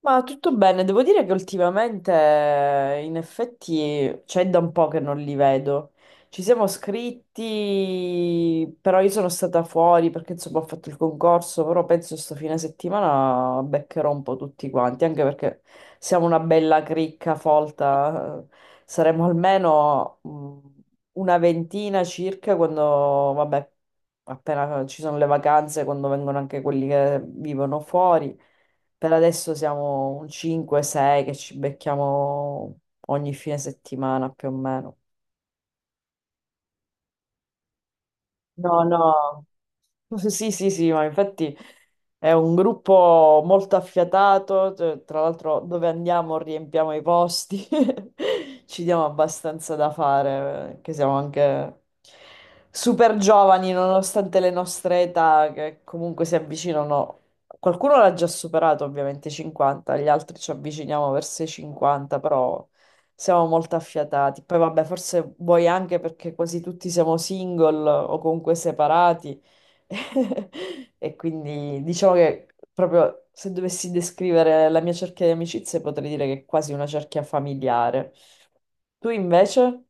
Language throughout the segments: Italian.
Ma tutto bene, devo dire che ultimamente in effetti c'è da un po' che non li vedo. Ci siamo scritti, però io sono stata fuori perché insomma ho fatto il concorso, però penso sto fine settimana beccherò un po' tutti quanti, anche perché siamo una bella cricca folta, saremo almeno una ventina circa quando, vabbè, appena ci sono le vacanze, quando vengono anche quelli che vivono fuori. Per adesso siamo un 5-6 che ci becchiamo ogni fine settimana più o meno. No, no, sì, sì, sì, ma infatti è un gruppo molto affiatato, tra l'altro dove andiamo riempiamo i posti, ci diamo abbastanza da fare, che siamo anche super giovani nonostante le nostre età che comunque si avvicinano. Qualcuno l'ha già superato ovviamente i 50, gli altri ci avviciniamo verso i 50, però... Siamo molto affiatati. Poi vabbè, forse vuoi anche perché quasi tutti siamo single o comunque separati. E quindi diciamo che proprio se dovessi descrivere la mia cerchia di amicizie potrei dire che è quasi una cerchia familiare. Tu invece?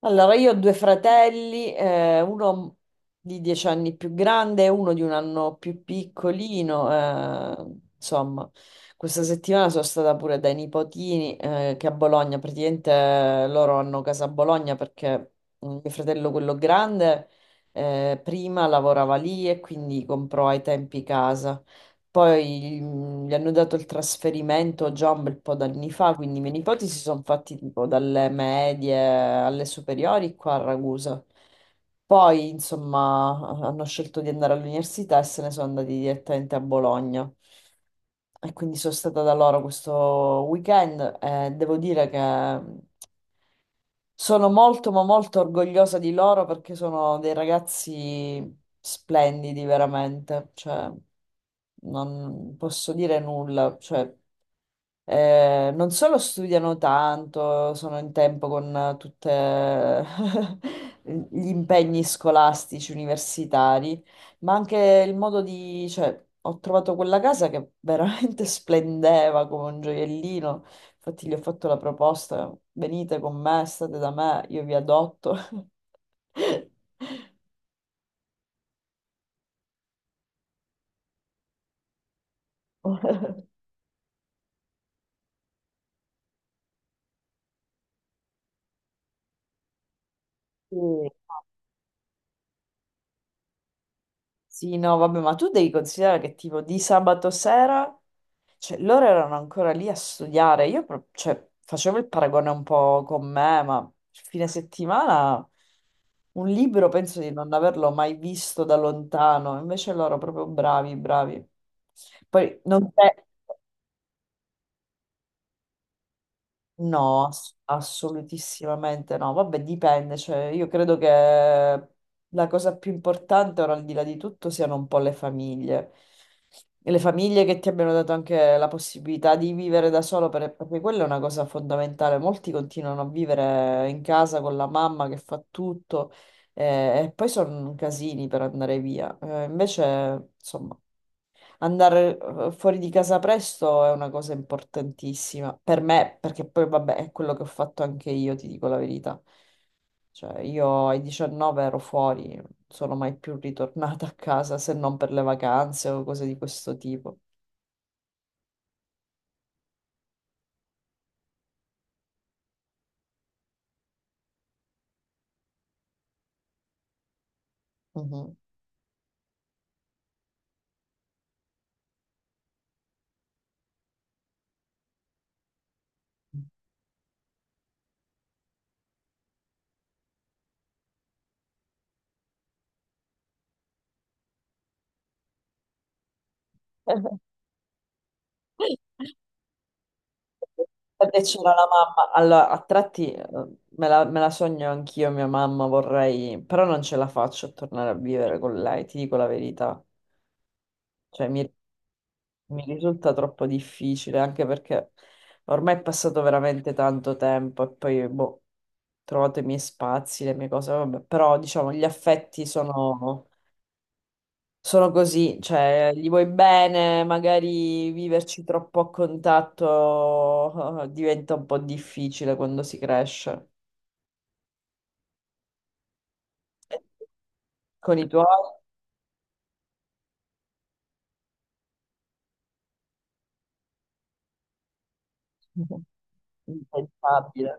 Allora, io ho due fratelli, uno di 10 anni più grande e uno di un anno più piccolino. Insomma, questa settimana sono stata pure dai nipotini, che a Bologna, praticamente loro hanno casa a Bologna perché mio fratello, quello grande, prima lavorava lì e quindi comprò ai tempi casa. Poi gli hanno dato il trasferimento già un bel po' d'anni fa, quindi i miei nipoti si sono fatti tipo dalle medie alle superiori qua a Ragusa. Poi, insomma, hanno scelto di andare all'università e se ne sono andati direttamente a Bologna. E quindi sono stata da loro questo weekend e devo dire che sono molto, ma molto orgogliosa di loro perché sono dei ragazzi splendidi, veramente. Cioè, non posso dire nulla. Cioè, non solo studiano tanto, sono in tempo con tutti gli impegni scolastici, universitari, ma anche il modo di, cioè, ho trovato quella casa che veramente splendeva come un gioiellino. Infatti gli ho fatto la proposta, venite con me, state da me, io vi adotto. Sì. Sì, no, vabbè, ma tu devi considerare che tipo di sabato sera, cioè loro erano ancora lì a studiare, cioè, facevo il paragone un po' con me, ma fine settimana un libro penso di non averlo mai visto da lontano, invece loro proprio bravi, bravi. Poi non, No, assolutissimamente no. Vabbè, dipende. Cioè, io credo che la cosa più importante, ora al di là di tutto, siano un po' le famiglie. E le famiglie che ti abbiano dato anche la possibilità di vivere da solo, perché quella è una cosa fondamentale. Molti continuano a vivere in casa con la mamma che fa tutto, e poi sono casini per andare via. Invece, insomma. Andare fuori di casa presto è una cosa importantissima per me, perché poi vabbè, è quello che ho fatto anche io, ti dico la verità. Cioè, io ai 19 ero fuori, non sono mai più ritornata a casa se non per le vacanze o cose di questo tipo. Mhm. Perché c'era la mamma, allora a tratti me la sogno anch'io, mia mamma vorrei, però non ce la faccio a tornare a vivere con lei, ti dico la verità. Cioè, mi mi risulta troppo difficile, anche perché ormai è passato veramente tanto tempo e poi, boh, ho trovato i miei spazi, le mie cose, vabbè, però diciamo gli affetti sono, sono così, cioè gli vuoi bene, magari viverci troppo a contatto diventa un po' difficile quando si cresce. Con i tuoi? Impensabile.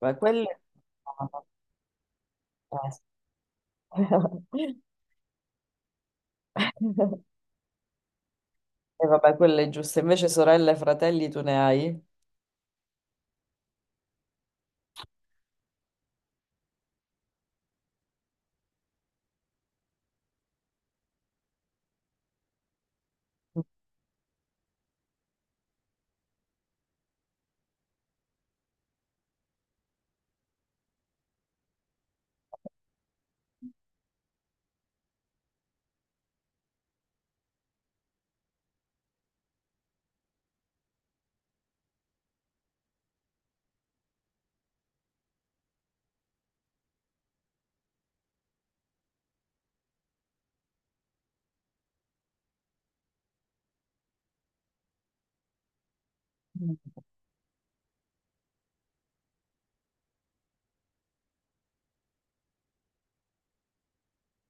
Ma quello... Eh. E vabbè, quella è giusta. Invece sorelle e fratelli tu ne hai? Mm.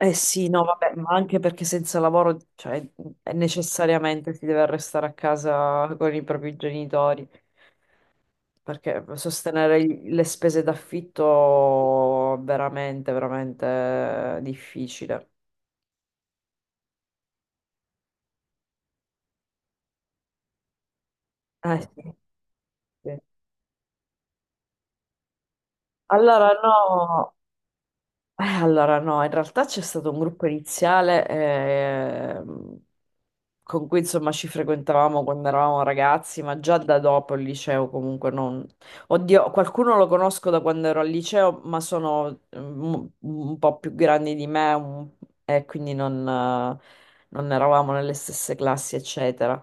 Eh sì, no, vabbè, ma anche perché senza lavoro, cioè, è necessariamente si deve restare a casa con i propri genitori, perché sostenere le spese d'affitto è veramente, veramente difficile. Eh sì. Sì. Allora, no. Allora no, in realtà c'è stato un gruppo iniziale con cui insomma ci frequentavamo quando eravamo ragazzi, ma già da dopo il liceo comunque non... Oddio, qualcuno lo conosco da quando ero al liceo, ma sono un po' più grandi di me e quindi non... eh, Non eravamo nelle stesse classi, eccetera.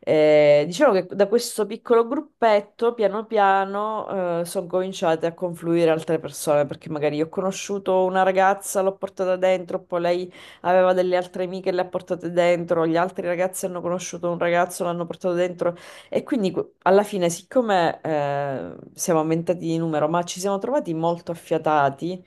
Diciamo che da questo piccolo gruppetto, piano piano, sono cominciate a confluire altre persone, perché magari io ho conosciuto una ragazza, l'ho portata dentro, poi lei aveva delle altre amiche, le ha portate dentro, gli altri ragazzi hanno conosciuto un ragazzo, l'hanno portato dentro. E quindi alla fine, siccome siamo aumentati di numero, ma ci siamo trovati molto affiatati,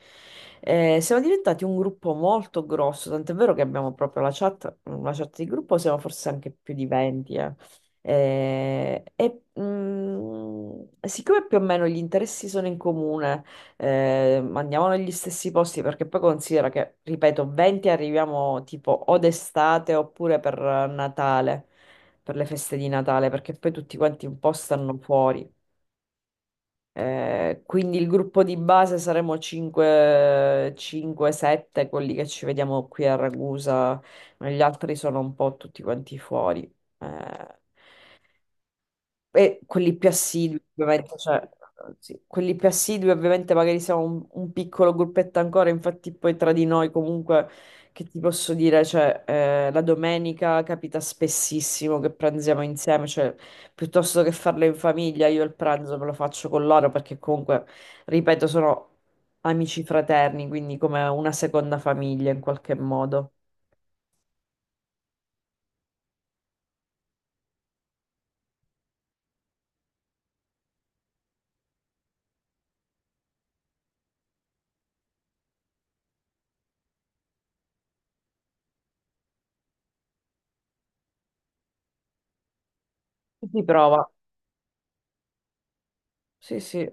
siamo diventati un gruppo molto grosso, tant'è vero che abbiamo proprio la chat di gruppo, siamo forse anche più di 20. E siccome più o meno gli interessi sono in comune, andiamo negli stessi posti perché poi considera che, ripeto, 20 arriviamo tipo o d'estate oppure per Natale per le feste di Natale, perché poi tutti quanti un po' stanno fuori. Quindi il gruppo di base saremo 5-7, quelli che ci vediamo qui a Ragusa, ma gli altri sono un po' tutti quanti fuori. Eh, e quelli più assidui, ovviamente, cioè, sì, quelli più assidui, ovviamente, magari siamo un piccolo gruppetto ancora, infatti poi tra di noi comunque, che ti posso dire, cioè, la domenica capita spessissimo che pranziamo insieme, cioè, piuttosto che farlo in famiglia, io il pranzo me lo faccio con loro, perché comunque, ripeto, sono amici fraterni, quindi come una seconda famiglia in qualche modo. Si prova, sì, sì.